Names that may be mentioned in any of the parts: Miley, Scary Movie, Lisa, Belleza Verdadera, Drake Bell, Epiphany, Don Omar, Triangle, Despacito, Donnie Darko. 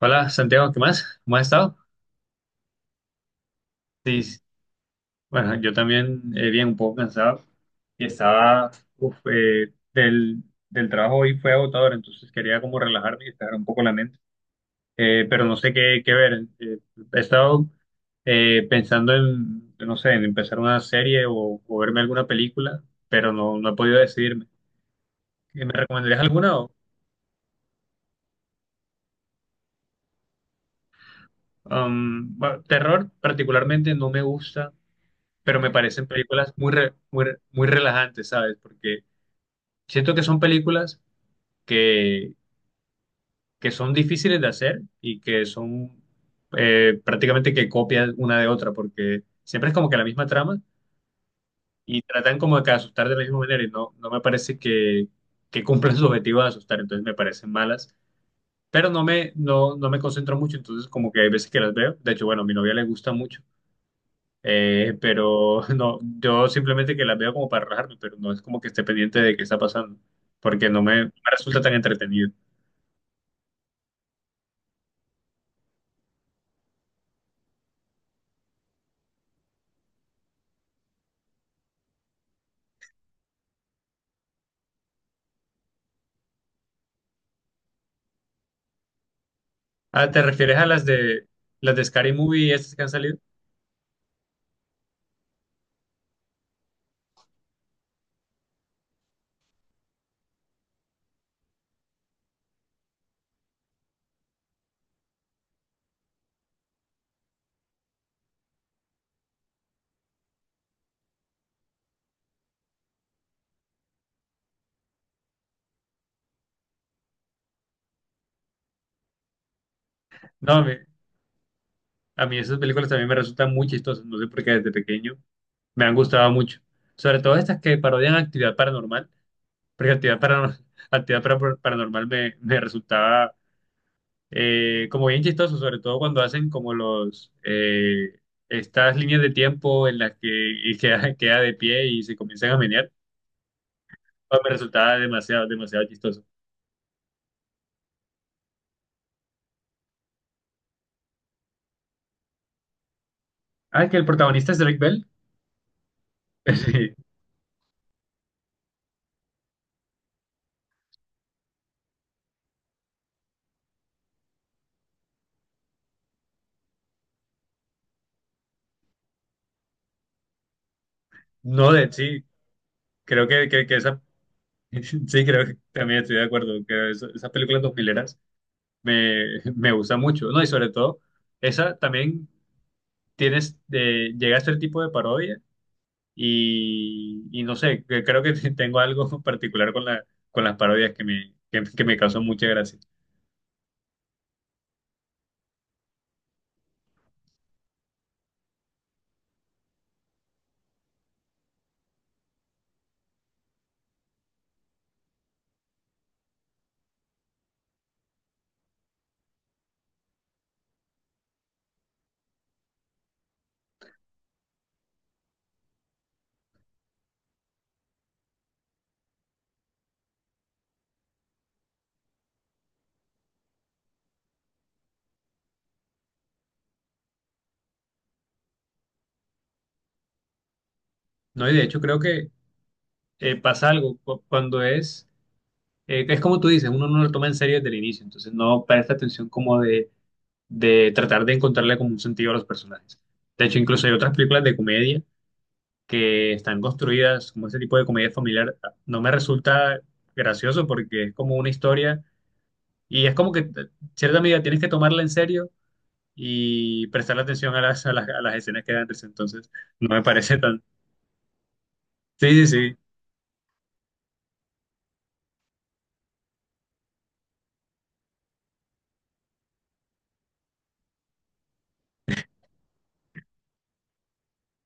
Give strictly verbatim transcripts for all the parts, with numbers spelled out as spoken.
Hola Santiago, ¿qué más? ¿Cómo has estado? Sí, sí. Bueno, yo también eh, bien, un poco cansado y estaba, uf, eh, del, del trabajo hoy fue agotador, entonces quería como relajarme y despejar un poco la mente. Eh, pero no sé qué, qué ver. Eh, he estado eh, pensando en, no sé, en empezar una serie o, o verme alguna película, pero no, no he podido decidirme. ¿Me recomendarías alguna? o, um, bueno, terror particularmente no me gusta, pero me parecen películas muy, re- muy, re- muy relajantes, ¿sabes? Porque siento que son películas que, que son difíciles de hacer y que son eh, prácticamente que copian una de otra, porque siempre es como que la misma trama y tratan como que asustar de la misma manera y no, no me parece que, que cumplan su objetivo de asustar, entonces me parecen malas. Pero no me, no, no me concentro mucho, entonces como que hay veces que las veo. De hecho, bueno, a mi novia le gusta mucho. Eh, pero no, yo simplemente que las veo como para relajarme, pero no es como que esté pendiente de qué está pasando, porque no me, no me resulta tan entretenido. Ah, ¿te refieres a las de las de Scary Movie estas que han salido? No, a mí, a mí esas películas también me resultan muy chistosas, no sé por qué desde pequeño me han gustado mucho. Sobre todo estas que parodian actividad paranormal, porque actividad paranormal, actividad Para- paranormal me, me resultaba eh, como bien chistoso, sobre todo cuando hacen como los eh, estas líneas de tiempo en las que y queda, queda de pie y se comienzan a menear. Pues me resultaba demasiado, demasiado chistoso. Ah, que el protagonista es Drake Bell. Sí. No, de sí, creo que, que, que esa sí, creo que también estoy de acuerdo, que esa- esas películas dos mileras me, me gusta mucho, ¿no? Y sobre todo, esa también tienes, de llega a ser tipo de parodia. Y, y no sé, que creo que tengo algo particular con la, con las parodias que me, que, que me causó mucha gracia. No, y de hecho creo que eh, pasa algo cu- cuando es, eh, es como tú dices, uno no lo toma en serio desde el inicio, entonces no presta atención como de, de tratar de encontrarle como un sentido a los personajes. De hecho, incluso hay otras películas de comedia que están construidas como ese tipo de comedia familiar. No me resulta gracioso porque es como una historia y es como que en cierta medida tienes que tomarla en serio y prestar atención a las, a las, a las escenas que dan risa. Entonces, no me parece tan... Sí, sí, sí,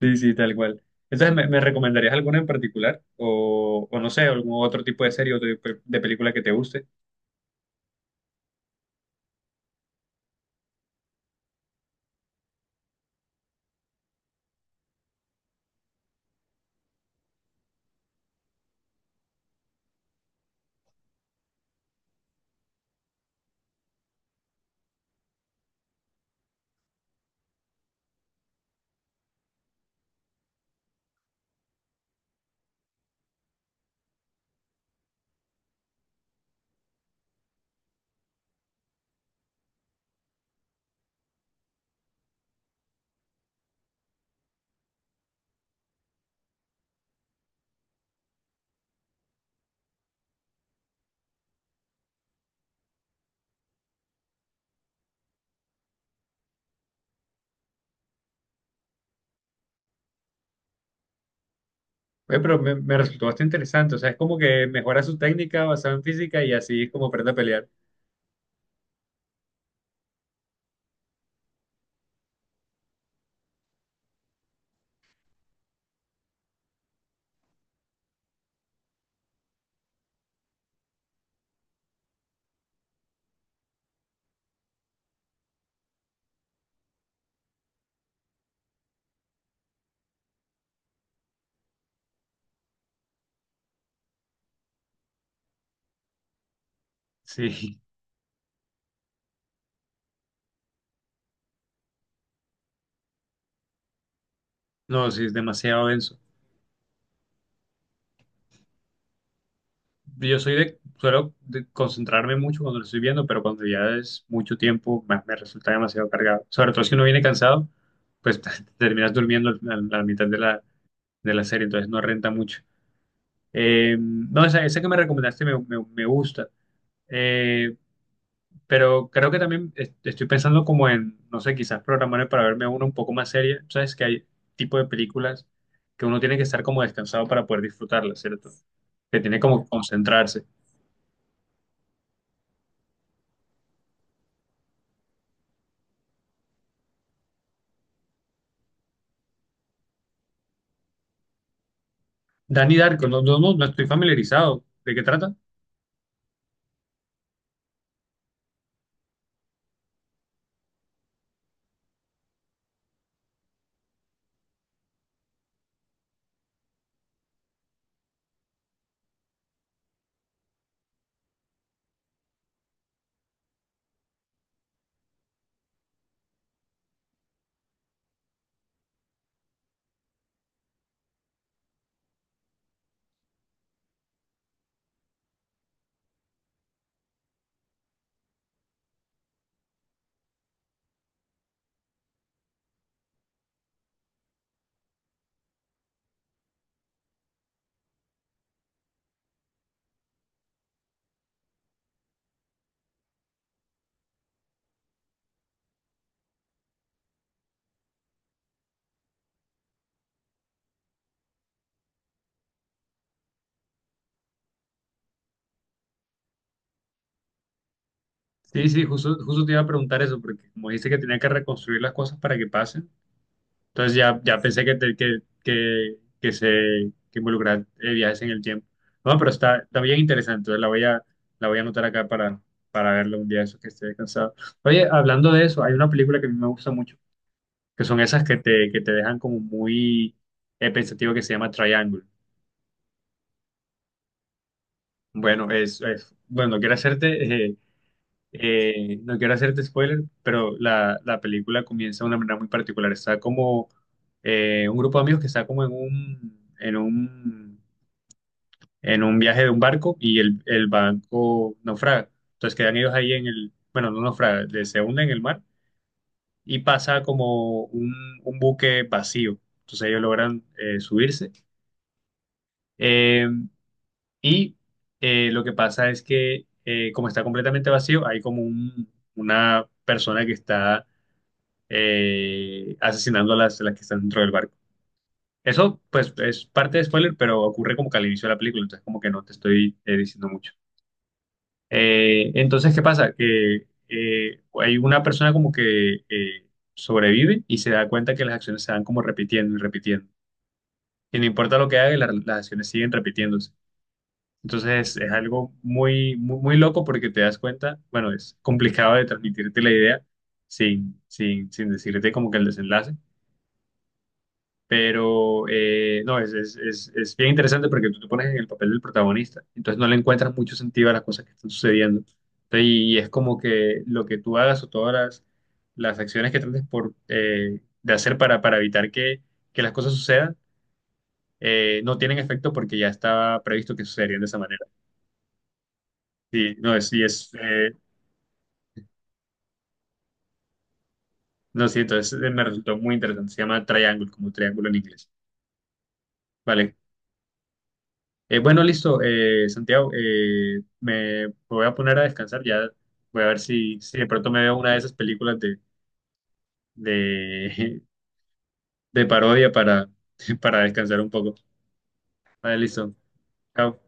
sí, sí, tal cual. Entonces, ¿me, ¿me recomendarías alguna en particular? O, o no sé, algún otro tipo de serie o de, de película que te guste. Oye, pero me, me resultó bastante interesante. O sea, es como que mejora su técnica basada en física y así es como aprende a pelear. Sí, no, sí, es demasiado denso. Yo soy de, suelo de concentrarme mucho cuando lo estoy viendo, pero cuando ya es mucho tiempo, me, me resulta demasiado cargado. Sobre todo si uno viene cansado, pues terminas durmiendo a la mitad de la, de la serie, entonces no renta mucho. Eh, no, esa, esa que me recomendaste me, me- me gusta. Eh, pero creo que también es- estoy pensando como en, no sé, quizás programarme para verme una un poco más seria. Sabes que hay tipo de películas que uno tiene que estar como descansado para poder disfrutarlas, ¿cierto? Que tiene como que concentrarse. Danny Darko, no, no, no, no estoy familiarizado. ¿De qué trata? Sí, sí, justo, justo te iba a preguntar eso, porque como dice que tenía que reconstruir las cosas para que pasen, entonces ya, ya pensé que, te- que, que, que se que involucrar eh, viajes en el tiempo. No, pero está, está bien interesante, entonces la voy a, la voy a anotar acá para, para verla un día eso que esté descansado. Oye, hablando de eso, hay una película que a mí me gusta mucho, que son esas que te, que te dejan como muy eh, pensativo, que se llama Triangle. Bueno, es, es- bueno, quiero hacerte... eh, eh, no quiero hacerte spoiler, pero la, la película comienza de una manera muy particular. Está como eh, un grupo de amigos que está como en un, en un, en un viaje de un barco y el, el barco naufraga. Entonces quedan ellos ahí en el, bueno, no naufraga, de- se hunde en el mar y pasa como un, un buque vacío. Entonces ellos logran eh, subirse. Eh, y eh, lo que pasa es que eh, como está completamente vacío, hay como un- una persona que está eh, asesinando a las, las que están dentro del barco. Eso, pues, es parte de spoiler, pero ocurre como que al inicio de la película, entonces como que no te estoy eh, diciendo mucho. Eh, entonces, ¿qué pasa? Que eh, hay una persona como que eh, sobrevive y se da cuenta que las acciones se van como repitiendo y repitiendo. Y no importa lo que haga, la- las acciones siguen repitiéndose. Entonces, es algo muy, muy, muy loco porque te das cuenta, bueno, es complicado de transmitirte la idea sin, sin, sin decirte como que el desenlace. Pero eh, no, es, es, es, es bien interesante porque tú te pones en el papel del protagonista, entonces no le encuentras mucho sentido a las cosas que están sucediendo. Entonces, y, y es como que lo que tú hagas o todas las, las acciones que trates por, eh, de hacer para, para evitar que, que las cosas sucedan eh, no tienen efecto porque ya estaba previsto que sucederían de esa manera. Sí, no, es, sí, es, eh, no, sí, entonces eh, me resultó muy interesante. Se llama Triangle, como triángulo en inglés. Vale. Eh, bueno, listo, eh, Santiago, eh, me, voy a poner a descansar, ya voy a ver si, si de pronto me veo una de esas películas de, de, de parodia para, para descansar un poco. Vale, listo, chao.